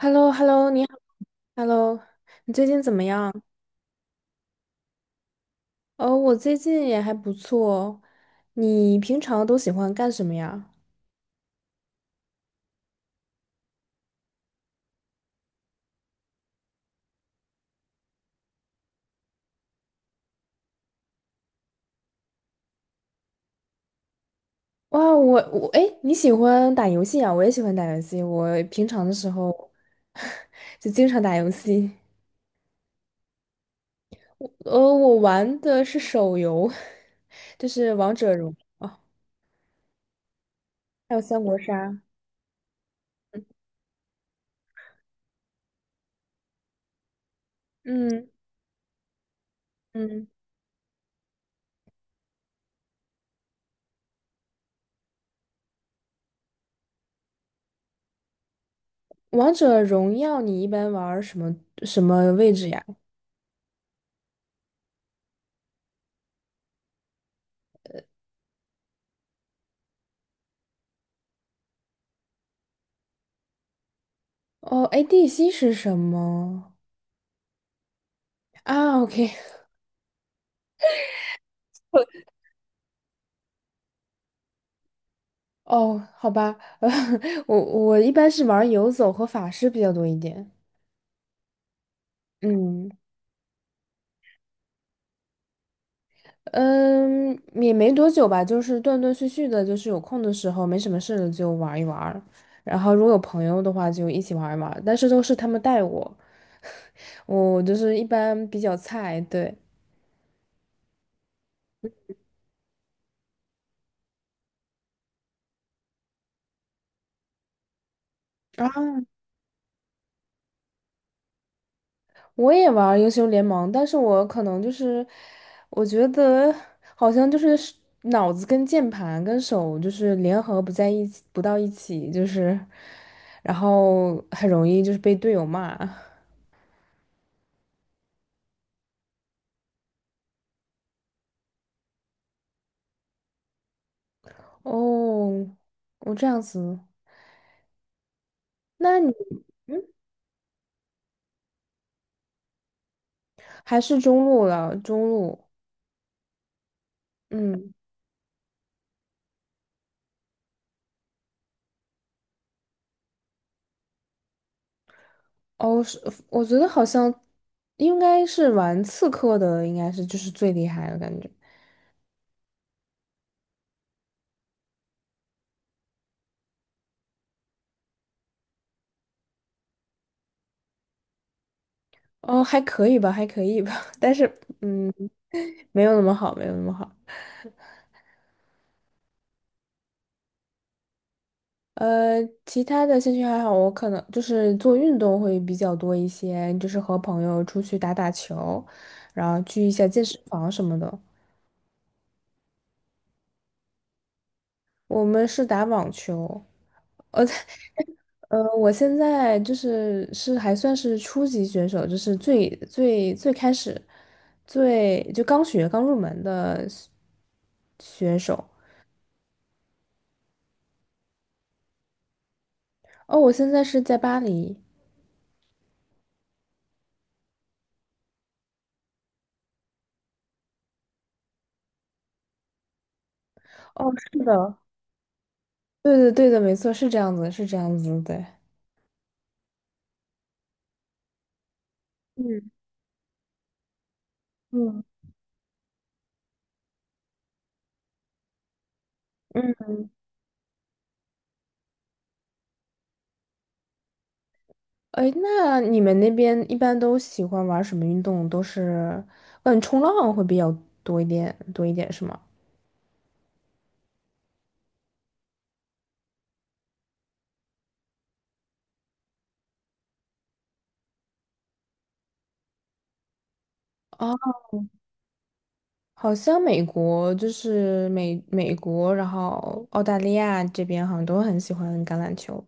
h e l l o h e l l o 你好，Hello，你最近怎么样？哦，我最近也还不错。你平常都喜欢干什么呀？哇，我哎，你喜欢打游戏啊？我也喜欢打游戏。我平常的时候 就经常打游戏。我玩的是手游，就是王者荣耀，哦还有三国杀。嗯嗯，王者荣耀你一般玩儿什么位置呀？哦，ADC 是什么？啊，OK，哦，好吧，呃，我一般是玩游走和法师比较多一点。嗯嗯，也没多久吧，就是断断续续的，就是有空的时候没什么事了就玩一玩，然后如果有朋友的话就一起玩一玩，但是都是他们带我，我就是一般比较菜，对。我也玩儿英雄联盟，但是我可能就是，我觉得好像就是脑子跟键盘跟手就是联合不在一起，不到一起，就是，然后很容易就是被队友骂。哦，我这样子，那你还是中路了，中路，嗯，哦，是，我觉得好像应该是玩刺客的，应该是就是最厉害的感觉。哦，还可以吧，还可以吧，但是嗯，没有那么好，没有那么好。呃，其他的兴趣爱好，我可能就是做运动会比较多一些，就是和朋友出去打打球，然后去一下健身房什么的。我们是打网球，我现在就是还算是初级选手，就是最最最开始最就刚入门的选手。哦，我现在是在巴黎。哦，是的，对的，对的，没错，是这样子，是这样子，对。嗯嗯嗯，哎，那你们那边一般都喜欢玩什么运动？都是，嗯，冲浪会比较多一点，多一点是吗？哦，好像美国就是美国，然后澳大利亚这边好像都很喜欢橄榄球。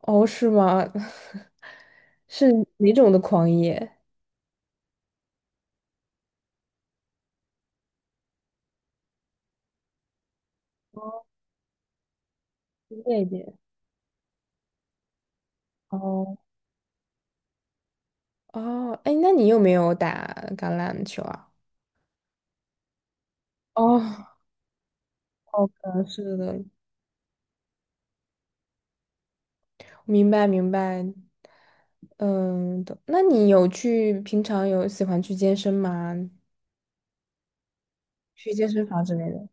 哦，是吗？是哪种的狂野？那边。哦哦，哎，那你有没有打橄榄球啊？哦，好的，是的，明白明白，嗯，懂那你平常有喜欢去健身吗？去健身房之类的。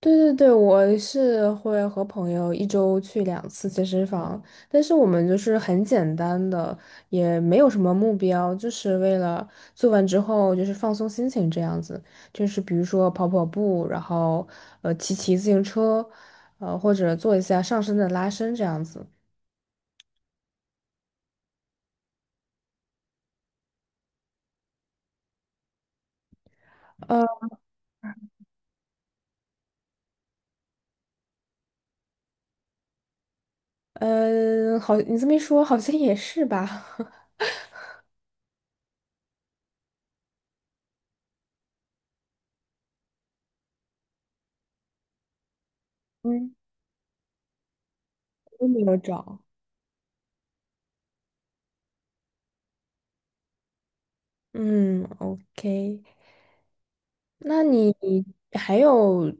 对对对，我是会和朋友一周去2次健身房，但是我们就是很简单的，也没有什么目标，就是为了做完之后就是放松心情这样子，就是比如说跑跑步，然后骑骑自行车，或者做一下上身的拉伸这样子。呃。嗯，好，你这么一说，好像也是吧。嗯，都没有找。嗯，OK,那你还有，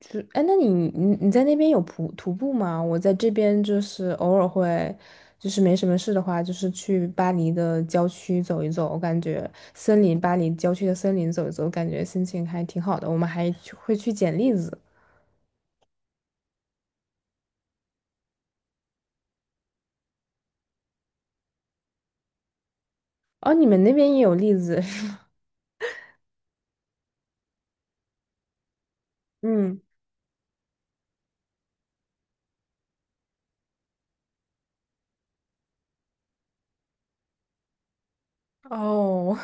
就哎，那你你在那边有徒步吗？我在这边就是偶尔会，就是没什么事的话，就是去巴黎的郊区走一走，我感觉森林，巴黎郊区的森林走一走，感觉心情还挺好的。我们还去会去捡栗子，哦，你们那边也有栗子是吗？嗯，哦，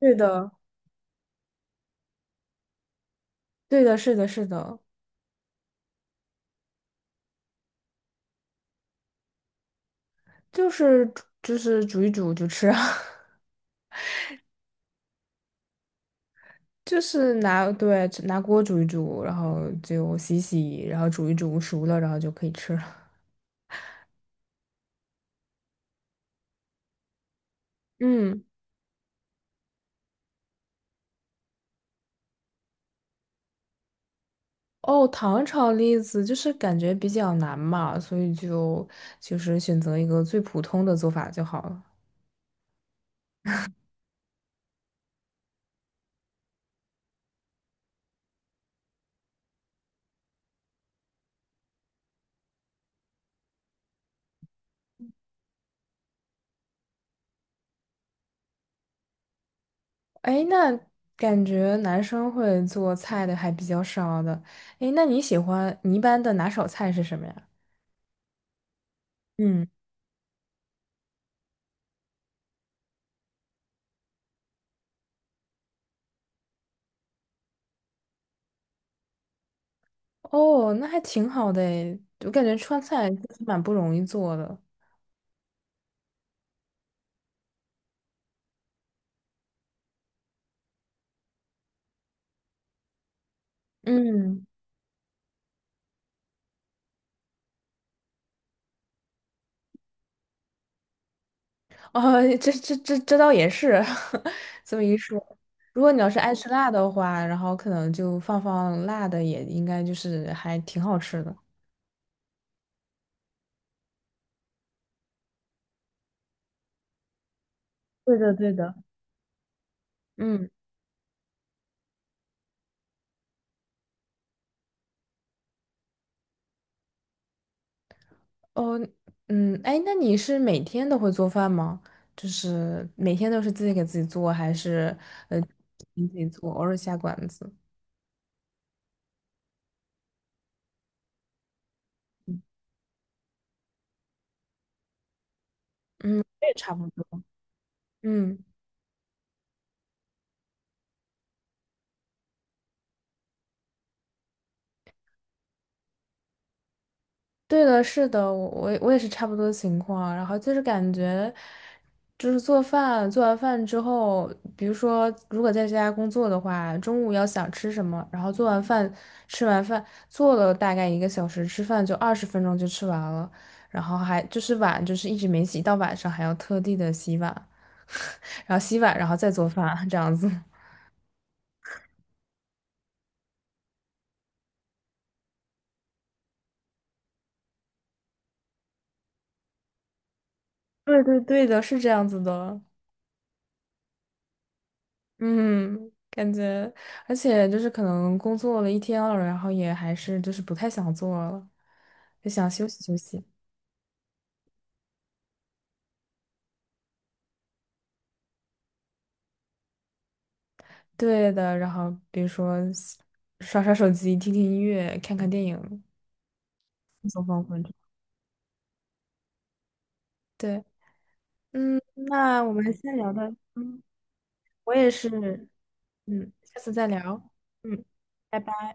对的。对的，是的，是的，就是煮一煮就吃啊，就是拿锅煮一煮，然后就洗洗，然后煮一煮熟了，然后就可以吃了。嗯，哦，糖炒栗子就是感觉比较难嘛，所以就就是选择一个最普通的做法就好了。哎，那感觉男生会做菜的还比较少的。哎，那你喜欢你一般的拿手菜是什么呀？嗯。哦，那还挺好的诶，我感觉川菜其实蛮不容易做的。嗯，哦，这倒也是，这么一说，如果你要是爱吃辣的话，然后可能就放放辣的，也应该就是还挺好吃的。对的，对的。嗯，哦，嗯，哎，那你是每天都会做饭吗？就是每天都是自己给自己做，还是呃你自己做，偶尔下馆子？这也差不多。嗯。对的，是的，我也是差不多情况。然后就是感觉，就是做饭，做完饭之后，比如说如果在家工作的话，中午要想吃什么，然后做完饭，吃完饭做了大概1个小时，吃饭就20分钟就吃完了，然后还就是碗就是一直没洗，到晚上还要特地的洗碗，然后洗碗，然后再做饭，这样子。对对对的，是这样子的。嗯，感觉，而且就是可能工作了一天了，然后也还是就是不太想做了，就想休息休息。对的，然后比如说刷刷手机、听听音乐、看看电影，放松放松。对，嗯，那我们先聊到，嗯，我也是，嗯，下次再聊，嗯，拜拜。